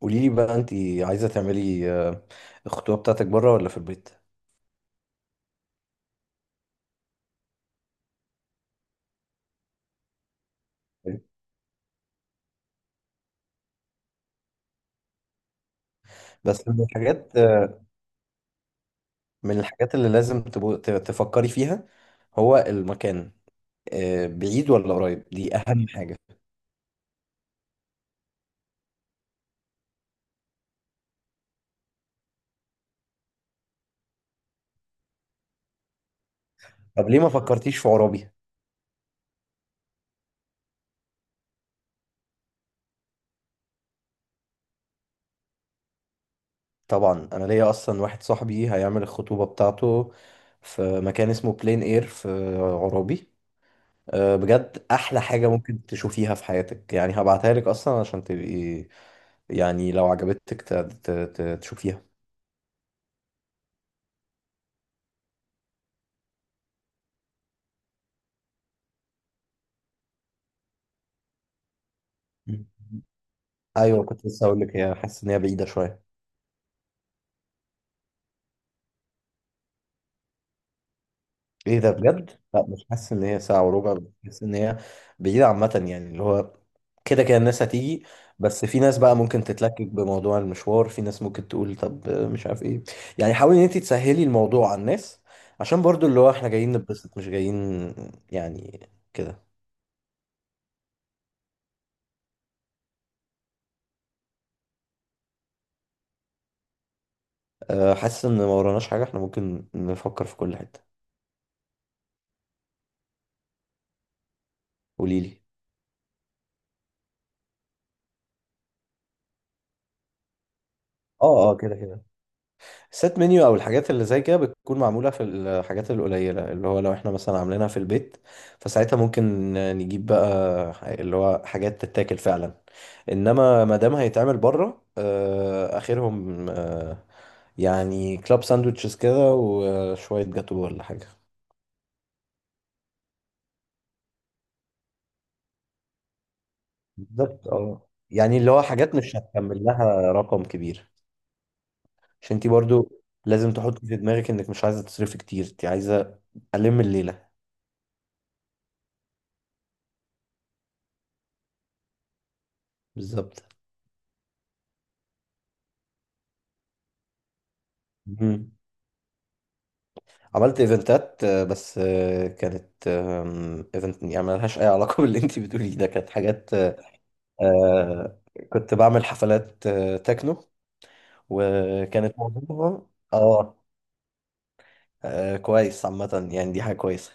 قولي لي بقى انت عايزه تعملي الخطوبه بتاعتك بره ولا في البيت؟ بس من الحاجات، اللي لازم تفكري فيها هو المكان، بعيد ولا قريب، دي اهم حاجه. طب ليه ما فكرتيش في عرابي؟ طبعا انا ليا اصلا واحد صاحبي هيعمل الخطوبه بتاعته في مكان اسمه بلين اير في عرابي. بجد احلى حاجه ممكن تشوفيها في حياتك، يعني هبعتها لك اصلا عشان تبقي يعني لو عجبتك تشوفيها. ايوه، كنت لسه هقول لك، هي حاسس ان هي بعيده شويه. ايه ده، بجد؟ لا، مش حاسس ان هي ساعه وربع، بس حاسس ان هي بعيده عامه، يعني اللي هو كده كده الناس هتيجي. بس في ناس بقى ممكن تتلكك بموضوع المشوار، في ناس ممكن تقول طب مش عارف ايه، يعني حاولي ان انت تسهلي الموضوع على الناس عشان برضو اللي هو احنا جايين نتبسط، مش جايين يعني كده. حاسس ان ما وراناش حاجه، احنا ممكن نفكر في كل حته. قولي لي. اه، اه، كده كده سيت منيو او الحاجات اللي زي كده بتكون معموله في الحاجات القليله اللي هو لو احنا مثلا عاملينها في البيت، فساعتها ممكن نجيب بقى اللي هو حاجات تتاكل فعلا. انما ما دام هيتعمل بره، اخرهم، يعني كلاب ساندوتشز كده وشويه جاتو ولا حاجه. بالظبط، اه، يعني اللي هو حاجات مش هتكمل لها رقم كبير. عشان انت برضو لازم تحطي في دماغك انك مش عايزه تصرفي كتير، انت عايزه الم الليله بالظبط. مم. عملت ايفنتات، بس كانت، ايفنت يعني ملهاش اي علاقه باللي انت بتقوليه، ده كانت حاجات، آه، كنت بعمل حفلات، تكنو، وكانت موضوعها. اه، كويس عامه، يعني دي حاجه كويسه.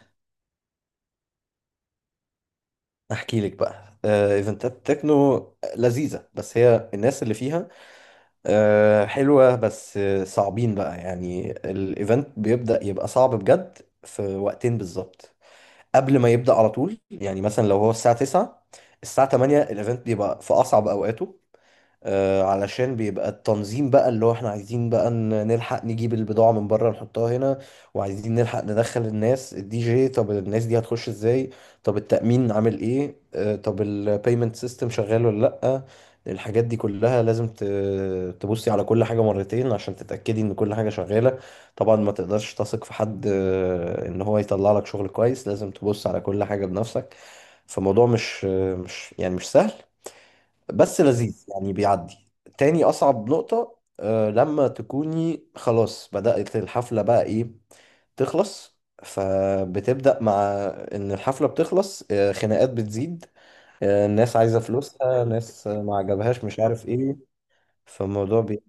احكي لك بقى، ايفنتات تكنو لذيذه، بس هي الناس اللي فيها حلوه، بس صعبين بقى، يعني الايفنت بيبدا يبقى صعب بجد في وقتين بالظبط. قبل ما يبدأ على طول، يعني مثلا لو هو الساعة 9، الساعة 8 الايفنت بيبقى في أصعب أوقاته، علشان بيبقى التنظيم بقى اللي هو احنا عايزين بقى نلحق نجيب البضاعة من بره نحطها هنا، وعايزين نلحق ندخل الناس الدي جي، طب الناس دي هتخش ازاي، طب التأمين عامل ايه، طب البيمنت سيستم شغال ولا لأ. الحاجات دي كلها لازم تبصي على كل حاجة مرتين عشان تتأكدي ان كل حاجة شغالة. طبعا ما تقدرش تثق في حد، ان هو يطلع لك شغل كويس، لازم تبص على كل حاجة بنفسك. فالموضوع مش يعني مش سهل، بس لذيذ يعني بيعدي. تاني أصعب نقطة لما تكوني خلاص بدأت الحفلة بقى إيه، تخلص، فبتبدأ مع إن الحفلة بتخلص، خناقات بتزيد، الناس عايزة فلوسها، ناس ما عجبهاش، مش عارف إيه. فالموضوع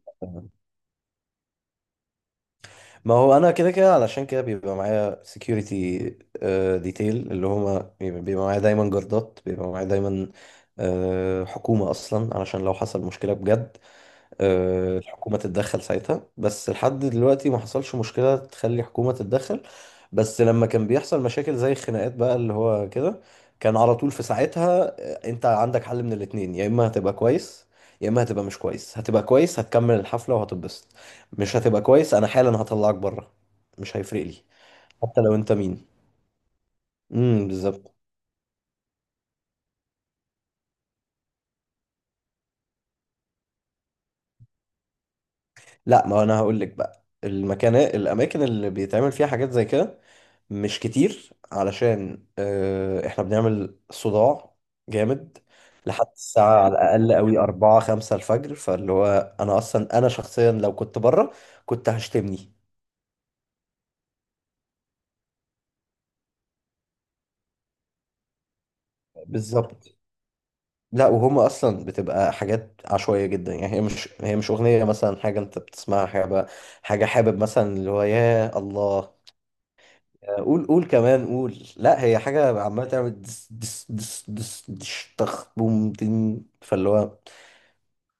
ما هو أنا كده كده، علشان كده بيبقى معايا security، detail، اللي هما بيبقى معايا دايما، جردات بيبقى معايا دايما، حكومة أصلا، علشان لو حصل مشكلة بجد الحكومة تتدخل ساعتها. بس لحد دلوقتي ما حصلش مشكلة تخلي حكومة تتدخل. بس لما كان بيحصل مشاكل زي الخناقات بقى اللي هو كده، كان على طول في ساعتها، انت عندك حل من الاتنين، يا اما هتبقى كويس يا اما هتبقى مش كويس. هتبقى كويس، هتكمل الحفلة وهتتبسط. مش هتبقى كويس، انا حالا هطلعك بره، مش هيفرق لي حتى لو انت مين. بالظبط. لا، ما انا هقول لك بقى الاماكن اللي بيتعمل فيها حاجات زي كده مش كتير، علشان احنا بنعمل صداع جامد لحد الساعة على الأقل قوي 4 5 الفجر، فاللي هو أنا أصلا، أنا شخصيا لو كنت بره كنت هشتمني. بالظبط. لا، وهم أصلا بتبقى حاجات عشوائية جدا، يعني هي مش أغنية مثلا حاجة أنت بتسمعها، حاجة حابب مثلا اللي هو يا الله، قول قول كمان قول. لا، هي حاجة عمالة تعمل دس دس دس دس دش طخ بوم تن، فاللي هو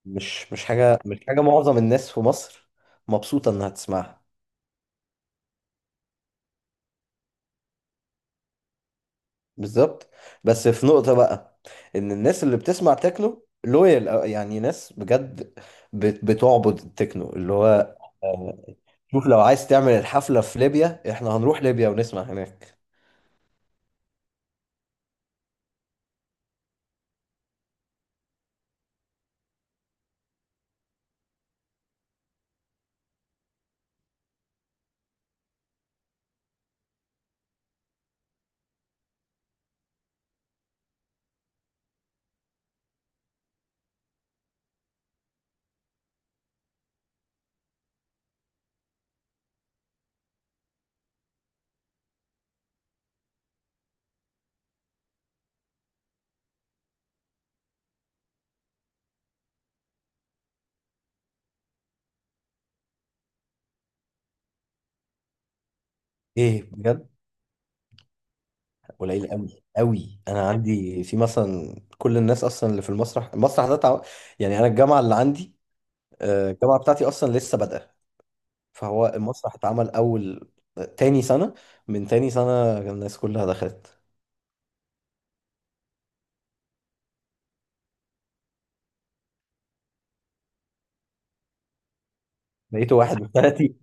مش حاجة معظم الناس في مصر مبسوطة إنها تسمعها. بالظبط. بس في نقطة بقى، إن الناس اللي بتسمع تكنو لويال، يعني ناس بجد بتعبد التكنو، اللي هو آه، شوف، لو عايز تعمل الحفلة في ليبيا إحنا هنروح ليبيا ونسمع هناك. إيه بجد، قليل قوي قوي. انا عندي في مثلا كل الناس اصلا اللي في المسرح ده يعني انا الجامعه اللي عندي، الجامعه بتاعتي اصلا لسه بادئه، فهو المسرح اتعمل اول تاني سنه، من تاني سنه الناس كلها دخلت. بقيته 31.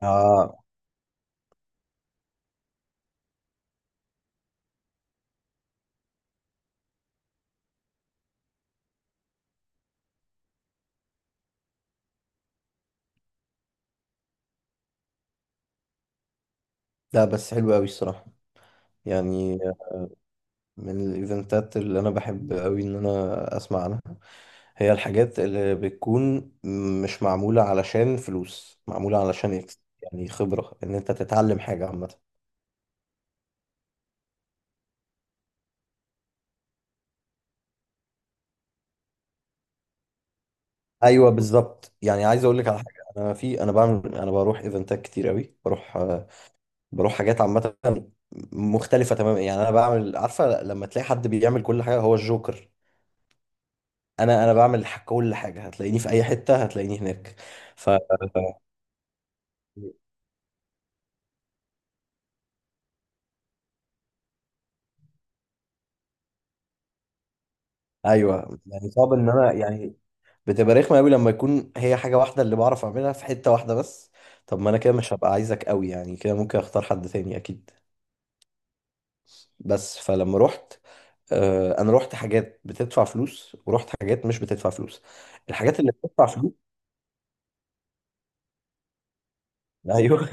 اه. لا، بس حلو قوي الصراحه، يعني من الايفنتات اللي انا بحب قوي ان انا اسمع عنها هي الحاجات اللي بتكون مش معمولة علشان فلوس، معمولة علشان يكسب يعني خبرة، ان انت تتعلم حاجة عامة. ايوه بالظبط، يعني عايز اقول لك على حاجة، انا في انا بعمل انا بروح ايفنتات كتير قوي، بروح، بروح حاجات عامة مختلفة تماما. يعني انا بعمل عارفة لما تلاقي حد بيعمل كل حاجة هو الجوكر، انا بعمل كل حاجة، هتلاقيني في اي حتة هتلاقيني هناك. ف ايوه، يعني صعب ان انا يعني بتبقى رخمه قوي لما يكون هي حاجه واحده اللي بعرف اعملها في حته واحده بس. طب ما انا كده مش هبقى عايزك قوي، يعني كده ممكن اختار حد تاني اكيد. بس فلما رحت، انا رحت حاجات بتدفع فلوس ورحت حاجات مش بتدفع فلوس. الحاجات اللي بتدفع فلوس. ايوه،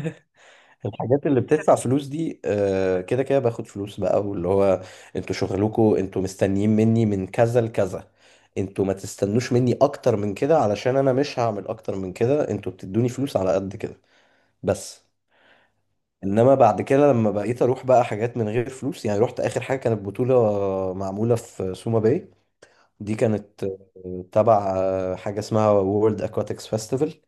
الحاجات اللي بتدفع فلوس دي، كده كده باخد فلوس بقى، واللي هو انتوا شغلكوا، انتوا مستنيين مني من كذا لكذا، انتوا ما تستنوش مني اكتر من كده علشان انا مش هعمل اكتر من كده، انتوا بتدوني فلوس على قد كده بس. انما بعد كده لما بقيت اروح بقى حاجات من غير فلوس، يعني رحت اخر حاجة كانت بطولة معمولة في سوما باي، دي كانت تبع حاجة اسمها وورلد اكواتكس فيستيفال،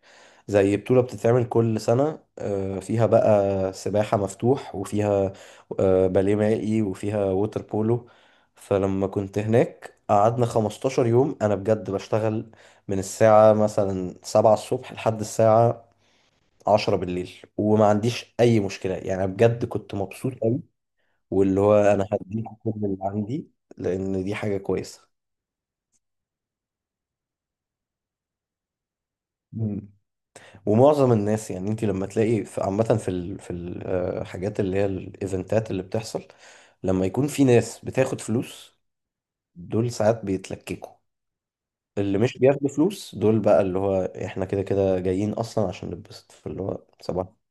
زي بطولة بتتعمل كل سنة، فيها بقى سباحة مفتوح، وفيها باليه مائي، وفيها ووتر بولو. فلما كنت هناك قعدنا 15 يوم أنا بجد بشتغل من الساعة مثلا 7 الصبح لحد الساعة 10 بالليل وما عنديش أي مشكلة، يعني بجد كنت مبسوط أوي، واللي هو أنا هديك كل اللي عندي لأن دي حاجة كويسة. مم. ومعظم الناس، يعني انت لما تلاقي عامة، في في الحاجات اللي هي الايفنتات اللي بتحصل، لما يكون في ناس بتاخد فلوس دول ساعات بيتلككوا. اللي مش بياخدوا فلوس دول بقى اللي هو احنا كده كده جايين اصلا عشان نتبسط، فاللي هو صباح